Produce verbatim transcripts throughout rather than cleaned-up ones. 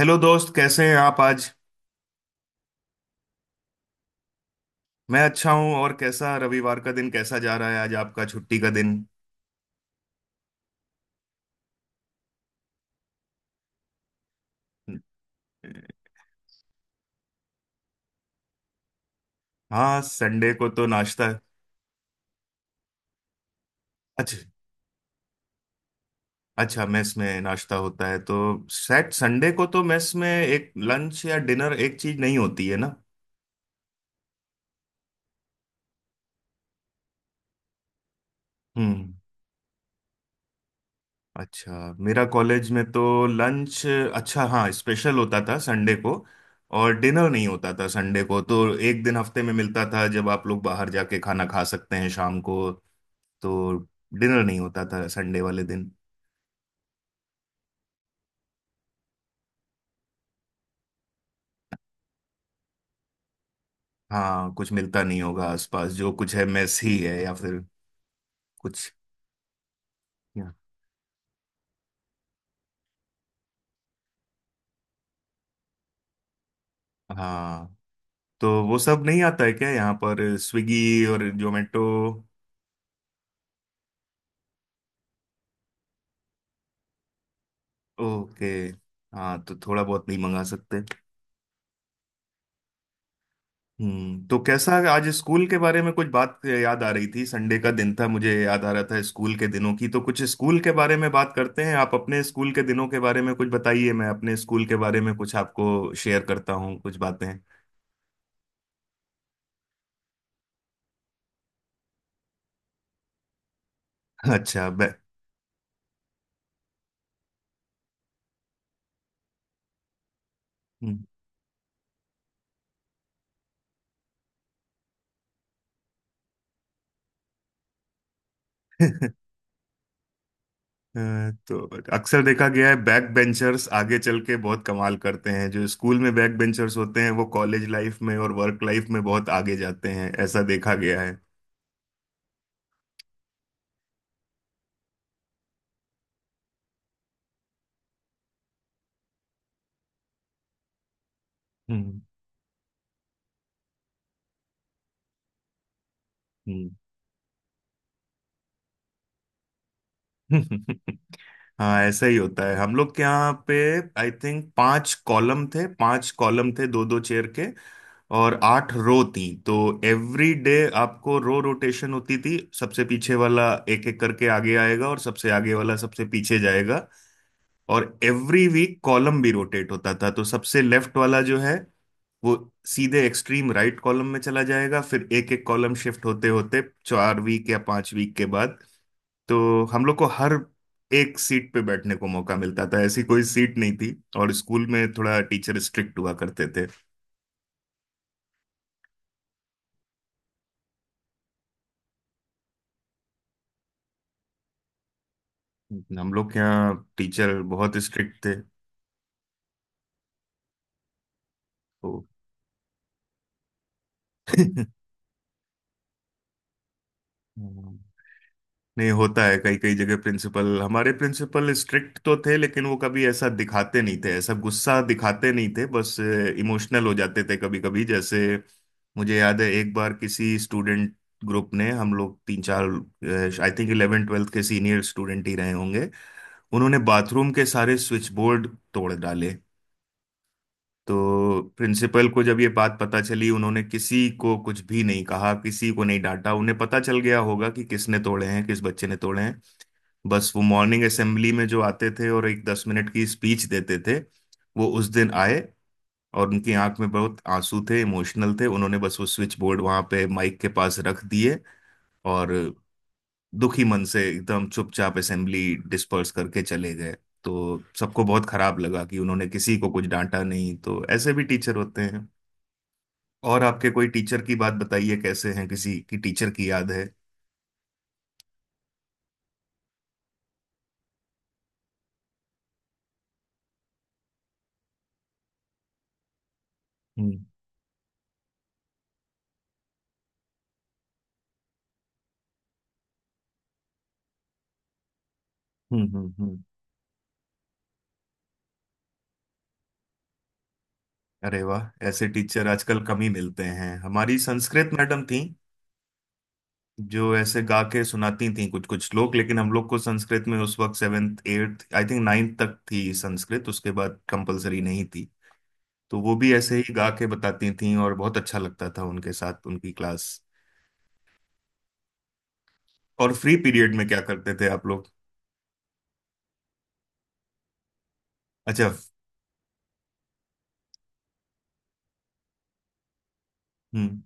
Hello दोस्त, कैसे हैं आप आज। मैं अच्छा हूं। और कैसा रविवार का दिन, कैसा जा रहा है आज आपका छुट्टी का दिन। हाँ, संडे को तो नाश्ता। अच्छा। अच्छा, मेस में नाश्ता होता है तो सैट संडे को तो मेस में एक लंच या डिनर, एक चीज नहीं होती है ना। हम्म। अच्छा, मेरा कॉलेज में तो लंच, अच्छा हाँ स्पेशल होता था संडे को, और डिनर नहीं होता था संडे को। तो एक दिन हफ्ते में मिलता था जब आप लोग बाहर जाके खाना खा सकते हैं शाम को। तो डिनर नहीं होता था संडे वाले दिन। हाँ, कुछ मिलता नहीं होगा आसपास, जो कुछ है मेस ही है या फिर कुछ। या- हाँ तो वो सब नहीं आता है क्या यहाँ पर, स्विगी और जोमेटो। ओके। हाँ तो थोड़ा बहुत नहीं मंगा सकते। हम्म। तो कैसा, आज स्कूल के बारे में कुछ बात याद आ रही थी। संडे का दिन था, मुझे याद आ रहा था स्कूल के दिनों की। तो कुछ स्कूल के बारे में बात करते हैं। आप अपने स्कूल के दिनों के बारे में कुछ बताइए, मैं अपने स्कूल के बारे में कुछ आपको शेयर करता हूँ कुछ बातें। अच्छा, बैक। तो अक्सर देखा गया है, बैक बेंचर्स आगे चल के बहुत कमाल करते हैं। जो स्कूल में बैक बेंचर्स होते हैं वो कॉलेज लाइफ में और वर्क लाइफ में बहुत आगे जाते हैं, ऐसा देखा गया है। हम्म। हम्म। हाँ ऐसा ही होता है। हम लोग के यहाँ पे, आई थिंक पांच कॉलम थे, पांच कॉलम थे दो दो चेयर के, और आठ रो थी। तो एवरी डे आपको रो रोटेशन होती थी, सबसे पीछे वाला एक एक करके आगे आएगा और सबसे आगे वाला सबसे पीछे जाएगा। और एवरी वीक कॉलम भी रोटेट होता था, तो सबसे लेफ्ट वाला जो है वो सीधे एक्सट्रीम राइट कॉलम में चला जाएगा, फिर एक एक कॉलम शिफ्ट होते होते चार वीक या पांच वीक के बाद तो हम लोग को हर एक सीट पे बैठने को मौका मिलता था, ऐसी कोई सीट नहीं थी। और स्कूल में थोड़ा टीचर स्ट्रिक्ट हुआ करते थे। हम लोग के यहाँ टीचर बहुत स्ट्रिक्ट थे, तो नहीं होता है कई कई जगह प्रिंसिपल। हमारे प्रिंसिपल स्ट्रिक्ट तो थे, लेकिन वो कभी ऐसा दिखाते नहीं थे, ऐसा गुस्सा दिखाते नहीं थे, बस इमोशनल हो जाते थे कभी कभी। जैसे मुझे याद है एक बार किसी स्टूडेंट ग्रुप ने, हम लोग तीन चार, आई थिंक इलेवन ट्वेल्थ के सीनियर स्टूडेंट ही रहे होंगे, उन्होंने बाथरूम के सारे स्विच बोर्ड तोड़ डाले। तो प्रिंसिपल को जब ये बात पता चली, उन्होंने किसी को कुछ भी नहीं कहा, किसी को नहीं डांटा। उन्हें पता चल गया होगा कि किसने तोड़े हैं, किस बच्चे ने तोड़े हैं। बस वो मॉर्निंग असेंबली में जो आते थे और एक दस मिनट की स्पीच देते थे, वो उस दिन आए और उनकी आंख में बहुत आंसू थे, इमोशनल थे। उन्होंने बस वो स्विच बोर्ड वहां पे माइक के पास रख दिए, और दुखी मन से एकदम चुपचाप असेंबली डिस्पर्स करके चले गए। तो सबको बहुत खराब लगा कि उन्होंने किसी को कुछ डांटा नहीं। तो ऐसे भी टीचर होते हैं। और आपके कोई टीचर की बात बताइए, कैसे हैं, किसी की टीचर की याद है। हम्म। हम्म। हम्म। अरे वाह, ऐसे टीचर आजकल कम ही मिलते हैं। हमारी संस्कृत मैडम थी जो ऐसे गा के सुनाती थी कुछ कुछ श्लोक। लेकिन हम लोग को संस्कृत में उस वक्त seventh eighth, I think ninth तक थी संस्कृत, उसके बाद कंपलसरी नहीं थी। तो वो भी ऐसे ही गा के बताती थी और बहुत अच्छा लगता था उनके साथ उनकी क्लास। और फ्री पीरियड में क्या करते थे आप लोग। अच्छा। हम्म।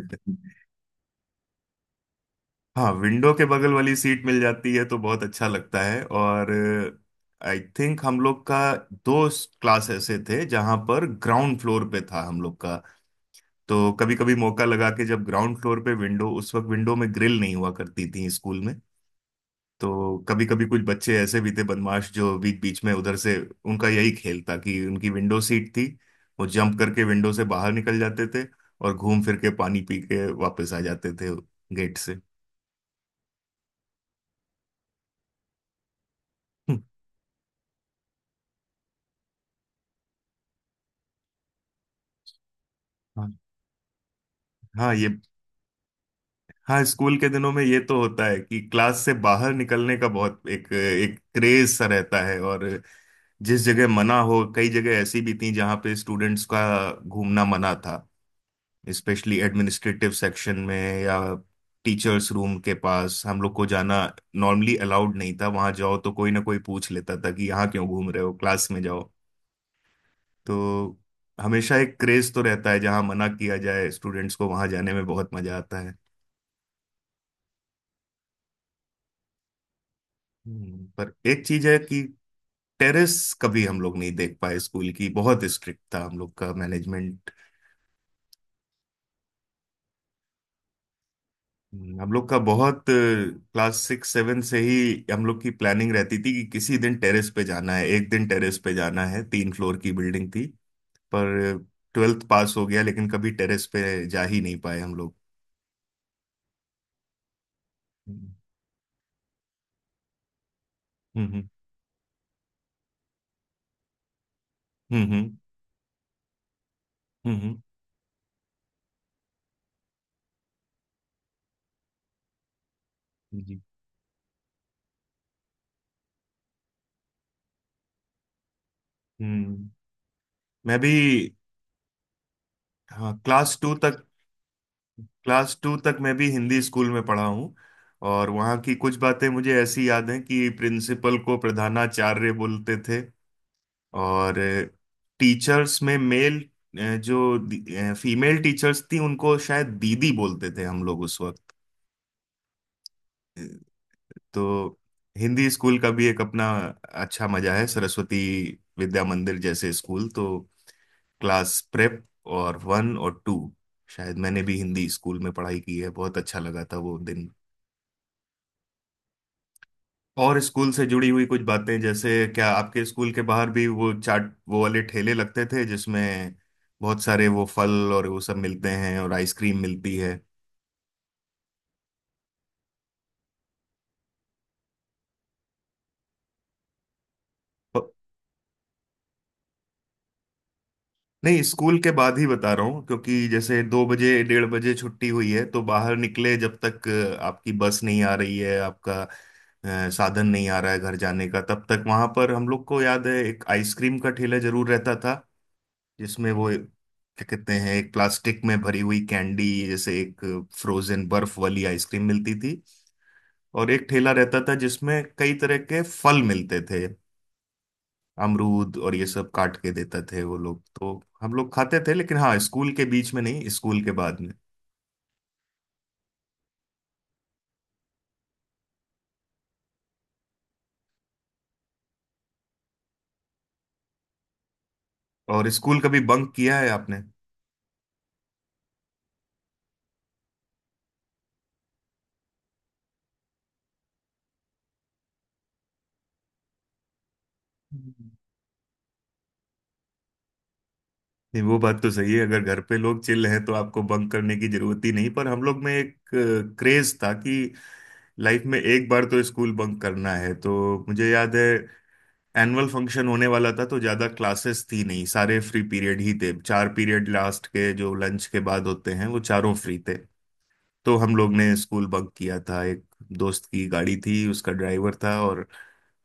हाँ विंडो के बगल वाली सीट मिल जाती है तो बहुत अच्छा लगता है। और आई थिंक हम लोग का दो क्लास ऐसे थे जहां पर ग्राउंड फ्लोर पे था हम लोग का। तो कभी कभी मौका लगा के, जब ग्राउंड फ्लोर पे विंडो, उस वक्त विंडो में ग्रिल नहीं हुआ करती थी स्कूल में, तो कभी कभी कुछ बच्चे ऐसे भी थे बदमाश जो बीच बीच में उधर से, उनका यही खेल था कि उनकी विंडो सीट थी, वो जंप करके विंडो से बाहर निकल जाते थे और घूम फिर के पानी पी के वापस आ जाते थे गेट से। हम्म। हाँ ये। हाँ स्कूल के दिनों में ये तो होता है कि क्लास से बाहर निकलने का बहुत एक एक क्रेज सा रहता है। और जिस जगह मना हो, कई जगह ऐसी भी थी जहाँ पे स्टूडेंट्स का घूमना मना था, स्पेशली एडमिनिस्ट्रेटिव सेक्शन में या टीचर्स रूम के पास। हम लोग को जाना नॉर्मली अलाउड नहीं था, वहां जाओ तो कोई ना कोई पूछ लेता था कि यहाँ क्यों घूम रहे हो, क्लास में जाओ। तो हमेशा एक क्रेज तो रहता है, जहाँ मना किया जाए स्टूडेंट्स को, वहां जाने में बहुत मजा आता है। हम्म। पर एक चीज है कि टेरेस कभी हम लोग नहीं देख पाए स्कूल की। बहुत स्ट्रिक्ट था हम लोग का मैनेजमेंट। हम्म। हम लोग का बहुत, क्लास सिक्स सेवन से ही हम लोग की प्लानिंग रहती थी कि किसी दिन टेरेस पे जाना है, एक दिन टेरेस पे जाना है। तीन फ्लोर की बिल्डिंग थी, पर ट्वेल्थ पास हो गया लेकिन कभी टेरेस पे जा ही नहीं पाए हम लोग। हम्म। हम्म। हम्म। हम्म। हम्म। हम्म। जी। हम्म। मैं भी, हाँ क्लास टू तक क्लास टू तक मैं भी हिंदी स्कूल में पढ़ा हूँ। और वहाँ की कुछ बातें मुझे ऐसी याद हैं कि प्रिंसिपल को प्रधानाचार्य बोलते थे। और टीचर्स में मेल, अ, जो दी- अ, फीमेल टीचर्स थी उनको शायद दीदी बोलते थे हम लोग उस वक्त। अ, तो हिंदी स्कूल का भी एक अपना अच्छा मजा है। सरस्वती विद्या मंदिर जैसे स्कूल तो, क्लास प्रेप और वन और टू शायद मैंने भी हिंदी स्कूल में पढ़ाई की है। बहुत अच्छा लगा था वो दिन। और स्कूल से जुड़ी हुई कुछ बातें, जैसे क्या आपके स्कूल के बाहर भी वो चाट वो वाले ठेले लगते थे जिसमें बहुत सारे वो फल और वो सब मिलते हैं और आइसक्रीम मिलती है। प- नहीं, स्कूल के बाद ही बता रहा हूँ। क्योंकि जैसे दो बजे डेढ़ बजे छुट्टी हुई है तो बाहर निकले, जब तक अ, आपकी बस नहीं आ रही है, आपका अ, साधन नहीं आ रहा है घर जाने का, तब तक वहां पर हम लोग को याद है एक आइसक्रीम का ठेला जरूर रहता था, जिसमें वो क्या कहते हैं एक प्लास्टिक में भरी हुई कैंडी जैसे एक फ्रोजन बर्फ वाली आइसक्रीम मिलती थी। और एक ठेला रहता था जिसमें कई तरह के फल मिलते थे, अमरूद, और ये सब काट के देते थे वो लोग, तो हम लोग खाते थे। लेकिन हाँ, स्कूल के बीच में नहीं, स्कूल के बाद में। और स्कूल कभी बंक किया है आपने। हम्म। नहीं वो बात तो सही है, अगर घर पे लोग चिल हैं तो आपको बंक करने की जरूरत ही नहीं। पर हम लोग में एक क्रेज था कि लाइफ में एक बार तो स्कूल बंक करना है। तो मुझे याद है एनुअल फंक्शन होने वाला था, तो ज्यादा क्लासेस थी नहीं, सारे फ्री पीरियड ही थे, चार पीरियड लास्ट के जो लंच के बाद होते हैं वो चारों फ्री थे। तो हम लोग ने स्कूल बंक किया था। एक दोस्त की गाड़ी थी, उसका ड्राइवर था, और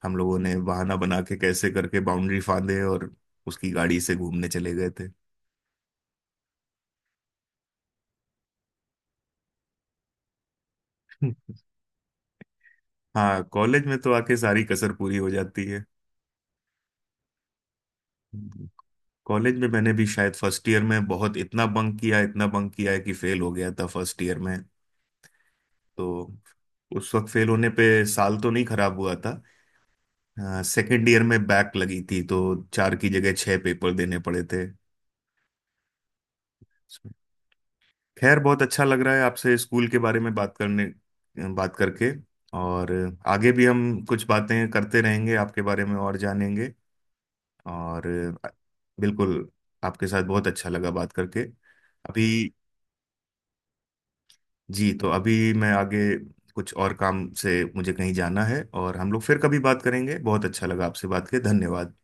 हम लोगों ने बहाना बना के कैसे करके बाउंड्री फांदे और उसकी गाड़ी से घूमने चले गए थे। हाँ कॉलेज में तो आके सारी कसर पूरी हो जाती है। कॉलेज में मैंने भी शायद फर्स्ट ईयर में बहुत, इतना बंक किया इतना बंक किया है कि फेल हो गया था फर्स्ट ईयर में। तो उस वक्त फेल होने पे साल तो नहीं खराब हुआ था, सेकंड ईयर में बैक लगी थी तो चार की जगह छह पेपर देने पड़े थे। खैर बहुत अच्छा लग रहा है आपसे स्कूल के बारे में बात करने बात करके। और आगे भी हम कुछ बातें करते रहेंगे, आपके बारे में और जानेंगे। और बिल्कुल, आपके साथ बहुत अच्छा लगा बात करके। अभी जी, तो अभी मैं आगे कुछ और काम से, मुझे कहीं जाना है, और हम लोग फिर कभी बात करेंगे। बहुत अच्छा लगा आपसे बात करके, धन्यवाद।